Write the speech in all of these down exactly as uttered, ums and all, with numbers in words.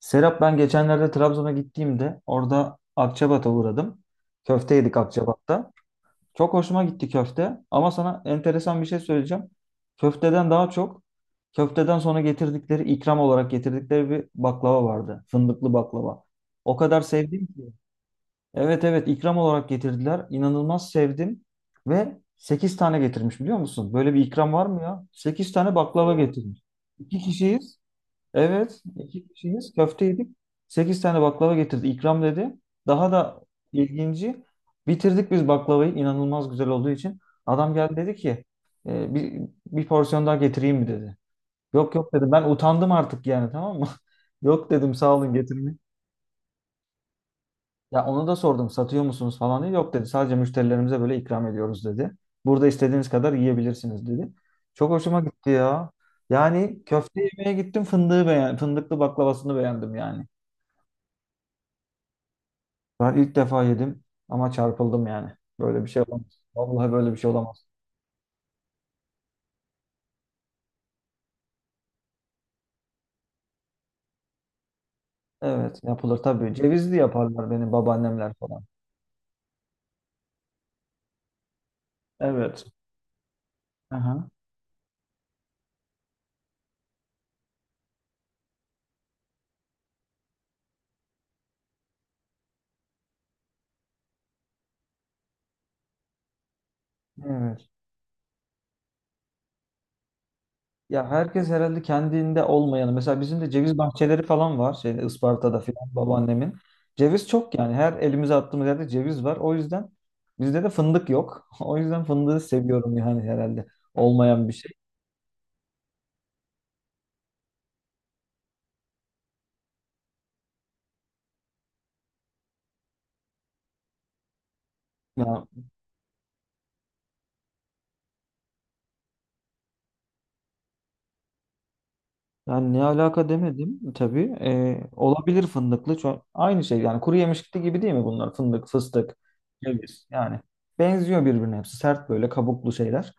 Serap ben geçenlerde Trabzon'a gittiğimde orada Akçabat'a uğradım. Köfte yedik Akçabat'ta. Çok hoşuma gitti köfte ama sana enteresan bir şey söyleyeceğim. Köfteden daha çok köfteden sonra getirdikleri ikram olarak getirdikleri bir baklava vardı. Fındıklı baklava. O kadar sevdim ki. Evet evet, ikram olarak getirdiler. İnanılmaz sevdim ve sekiz tane getirmiş, biliyor musun? Böyle bir ikram var mı ya? Sekiz tane baklava getirmiş. İki kişiyiz. Evet, iki kişiyiz. Köfte yedik. Sekiz tane baklava getirdi. İkram dedi. Daha da ilginci. Bitirdik biz baklavayı, inanılmaz güzel olduğu için. Adam geldi, dedi ki: "E, bir, bir porsiyon daha getireyim mi?" dedi. Yok yok dedim. Ben utandım artık, yani tamam mı? Yok dedim, sağ olun, getirmeyin. Ya onu da sordum, satıyor musunuz falan diye. Yok dedi, sadece müşterilerimize böyle ikram ediyoruz dedi. Burada istediğiniz kadar yiyebilirsiniz dedi. Çok hoşuma gitti ya. Yani köfte yemeye gittim, fındığı beğen fındıklı baklavasını beğendim yani. Ben ilk defa yedim ama çarpıldım yani. Böyle bir şey olamaz. Vallahi böyle bir şey olamaz. Evet, yapılır tabii. Cevizli yaparlar benim babaannemler falan. Evet. Aha. Evet. Ya herkes herhalde kendinde olmayanı. Mesela bizim de ceviz bahçeleri falan var. Şeyde, Isparta'da falan, babaannemin. Ceviz çok yani. Her elimize attığımız yerde ceviz var. O yüzden bizde de fındık yok. O yüzden fındığı seviyorum yani herhalde. Olmayan bir şey. Ya. Yani ne alaka demedim tabii. Ee, olabilir fındıklı. Çok, aynı şey yani, kuru yemişlikli gibi değil mi bunlar? Fındık, fıstık, ceviz yani. Benziyor birbirine hepsi. Sert böyle kabuklu şeyler.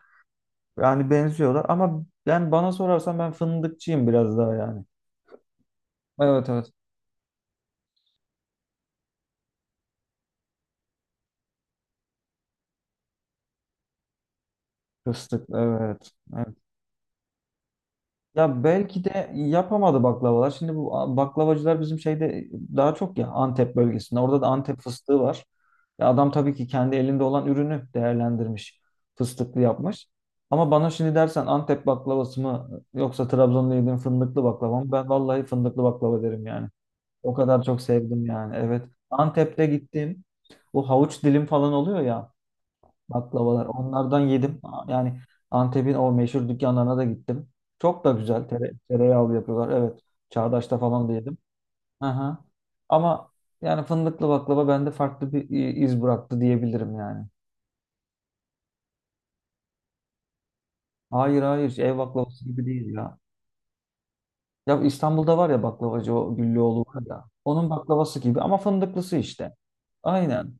Yani benziyorlar ama, ben, bana sorarsan ben fındıkçıyım biraz daha yani. Evet evet. Fıstık evet. Ya belki de yapamadı baklavalar. Şimdi bu a- baklavacılar bizim şeyde daha çok ya Antep bölgesinde. Orada da Antep fıstığı var. Ya adam tabii ki kendi elinde olan ürünü değerlendirmiş. Fıstıklı yapmış. Ama bana şimdi dersen, Antep baklavası mı yoksa Trabzon'da yediğim fındıklı baklava mı? Ben vallahi fındıklı baklava derim yani. O kadar çok sevdim yani. Evet. Antep'te gittim. Bu havuç dilim falan oluyor ya baklavalar. Onlardan yedim. Yani Antep'in o meşhur dükkanlarına da gittim. Çok da güzel. Tere, tereyağlı yapıyorlar. Evet. Çağdaş'ta falan da yedim. Aha. Ama yani fındıklı baklava bende farklı bir i- iz bıraktı diyebilirim yani. Hayır hayır, ev baklavası gibi değil ya. Ya İstanbul'da var ya baklavacı, o Güllüoğlu var ya. Onun baklavası gibi ama fındıklısı işte. Aynen.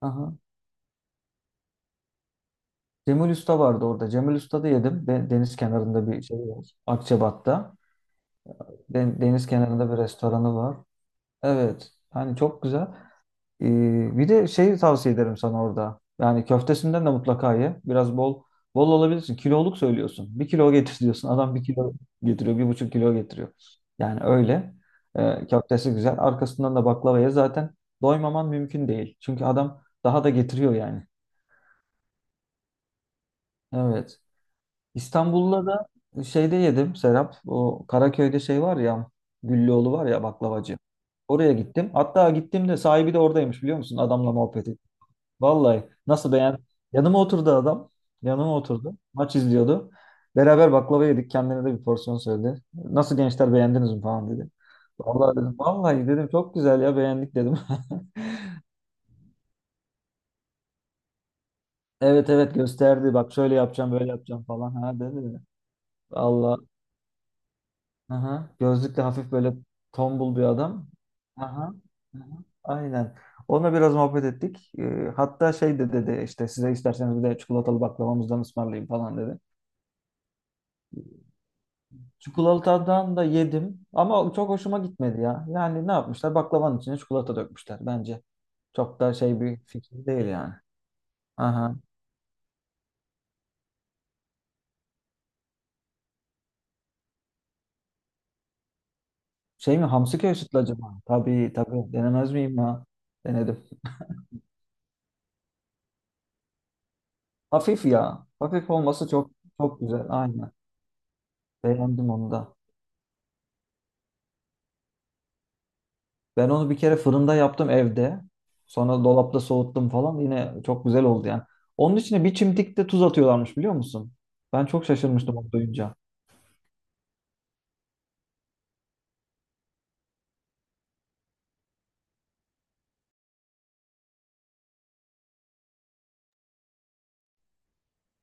Aha. Cemil Usta vardı orada. Cemil Usta'da yedim. De- Deniz kenarında bir şey var. Akçabat'ta. Den- Deniz kenarında bir restoranı var. Evet. Hani çok güzel. Ee, bir de şeyi tavsiye ederim sana orada. Yani köftesinden de mutlaka ye. Biraz bol bol alabilirsin. Kiloluk söylüyorsun. Bir kilo getir diyorsun. Adam bir kilo getiriyor. Bir buçuk kilo getiriyor. Yani öyle. Ee, köftesi güzel. Arkasından da baklava ye. Zaten doymaman mümkün değil, çünkü adam daha da getiriyor yani. Evet. İstanbul'da da şeyde yedim Serap. O Karaköy'de şey var ya, Güllüoğlu var ya baklavacı. Oraya gittim. Hatta gittim de sahibi de oradaymış, biliyor musun? Adamla muhabbet ettim. Vallahi nasıl beğen. Yanıma oturdu adam. Yanıma oturdu. Maç izliyordu. Beraber baklava yedik. Kendine de bir porsiyon söyledi. Nasıl gençler, beğendiniz mi falan dedi. Vallahi dedim. Vallahi dedim, çok güzel ya, beğendik dedim. Evet evet, gösterdi. Bak şöyle yapacağım, böyle yapacağım falan. Ha dedi. Allah. Aha. Gözlükle, hafif böyle tombul bir adam. Aha. Aha. Aynen. Onunla biraz muhabbet ettik. Ee, hatta şey de dedi, işte size isterseniz bir de çikolatalı baklavamızdan ısmarlayayım falan dedi. Çikolatadan da yedim ama çok hoşuma gitmedi ya. Yani ne yapmışlar? Baklavanın içine çikolata dökmüşler bence. Çok da şey bir fikir değil yani. Aha. Şey mi, hamsi köy sütlü acaba? Tabii tabii, denemez miyim ya? Denedim. Hafif ya. Hafif olması çok çok güzel. Aynen. Beğendim onu da. Ben onu bir kere fırında yaptım evde. Sonra dolapta soğuttum falan. Yine çok güzel oldu yani. Onun içine bir çimdik de tuz atıyorlarmış, biliyor musun? Ben çok şaşırmıştım onu duyunca.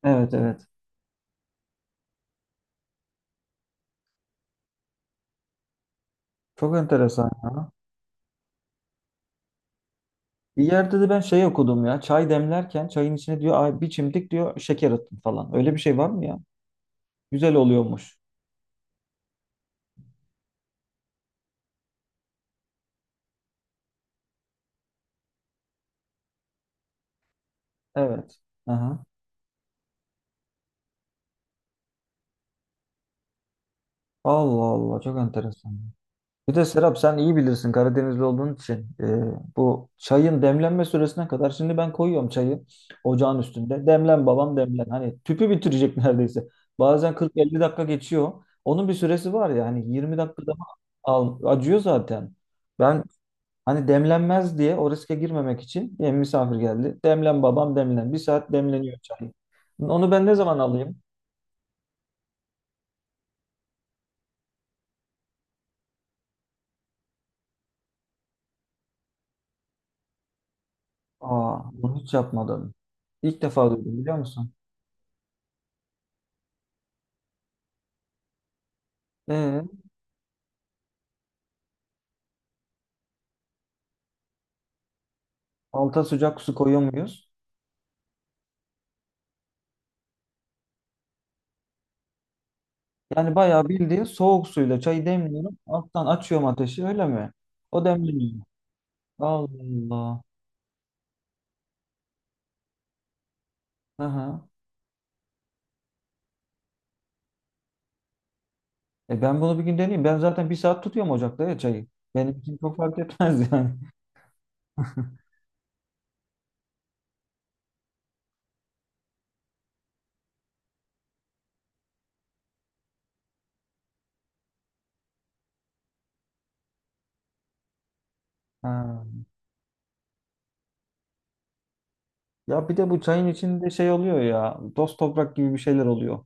Evet evet. Çok enteresan ya. Bir yerde de ben şey okudum ya. Çay demlerken çayın içine diyor: "Ay, bir çimdik diyor, şeker atın falan." Öyle bir şey var mı ya? Güzel oluyormuş. Evet. Aha. Allah Allah, çok enteresan. Bir de Serap, sen iyi bilirsin Karadenizli olduğun için. Ee, bu çayın demlenme süresine kadar şimdi ben koyuyorum çayı ocağın üstünde. Demlen babam demlen. Hani tüpü bitirecek neredeyse. Bazen kırk elli dakika geçiyor. Onun bir süresi var ya, hani yirmi dakikada mı al, acıyor zaten. Ben hani demlenmez diye o riske girmemek için, yani misafir geldi, demlen babam demlen. Bir saat demleniyor çay. Onu ben ne zaman alayım? Aa, bunu hiç yapmadım. İlk defa duydum, biliyor musun? Ee? Alta sıcak su koyuyor muyuz? Yani bayağı bildiğin soğuk suyla çayı demliyorum. Alttan açıyorum ateşi, öyle mi? O demleniyor. Allah Allah. Aha. E ben bunu bir gün deneyeyim. Ben zaten bir saat tutuyorum ocakta ya çayı. Benim için çok fark etmez yani. Ha. Ya bir de bu çayın içinde şey oluyor ya. Toz toprak gibi bir şeyler oluyor.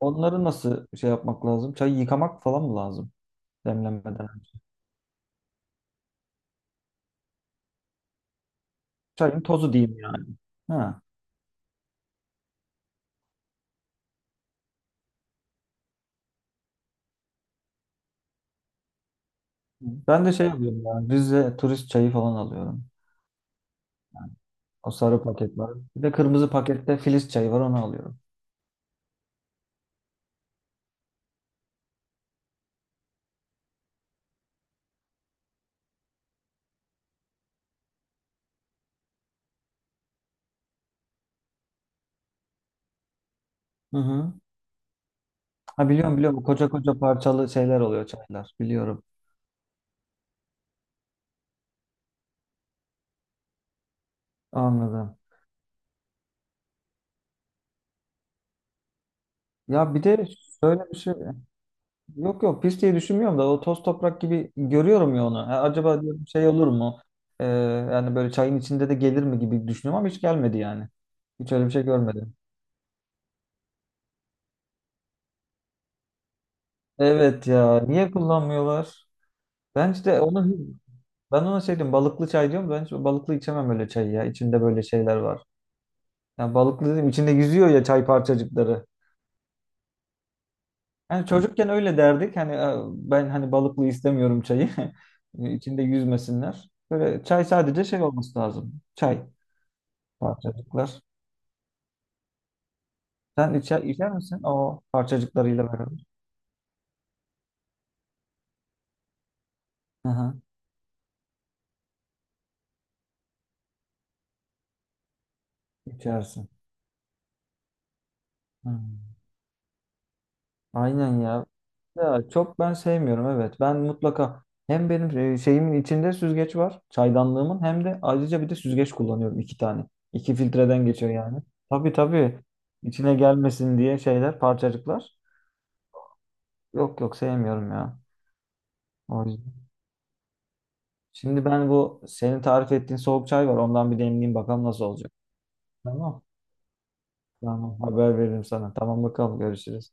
Onları nasıl şey yapmak lazım? Çayı yıkamak falan mı lazım demlenmeden? Çayın tozu diyeyim yani. Ha. Ben de şey alıyorum ya. Rize turist çayı falan alıyorum. O sarı paket var. Bir de kırmızı pakette Filiz çayı var, onu alıyorum. Hı hı. Ha, biliyorum biliyorum. Koca koca parçalı şeyler oluyor çaylar. Biliyorum. Anladım. Ya bir de şöyle bir şey. Yok yok, pis diye düşünmüyorum da o toz toprak gibi görüyorum ya onu. Ha, acaba diyorum, şey olur mu? Ee, yani böyle çayın içinde de gelir mi gibi düşünüyorum ama hiç gelmedi yani. Hiç öyle bir şey görmedim. Evet ya, niye kullanmıyorlar? Ben işte onu, ben ona şey diyorum, balıklı çay diyorum. Ben hiç balıklı içemem öyle çayı ya. İçinde böyle şeyler var. Yani balıklı dedim, içinde yüzüyor ya çay parçacıkları. Yani çocukken öyle derdik. Hani e, ben hani balıklı istemiyorum çayı. E, İçinde yüzmesinler. Böyle çay sadece şey olması lazım. Çay parçacıklar. Sen içer, içer misin? O parçacıklarıyla beraber. Hı hı, içersin. Hmm. Aynen ya. Ya çok ben sevmiyorum, evet. Ben mutlaka, hem benim e, şeyimin içinde süzgeç var, çaydanlığımın, hem de ayrıca bir de süzgeç kullanıyorum, iki tane. İki filtreden geçiyor yani. Tabii tabii. İçine gelmesin diye şeyler, parçacıklar. Yok yok, sevmiyorum ya. O yüzden. Şimdi ben bu senin tarif ettiğin soğuk çay var. Ondan bir demleyeyim, bakalım nasıl olacak. Tamam. Tamam. Haber veririm sana. Tamam bakalım, görüşürüz.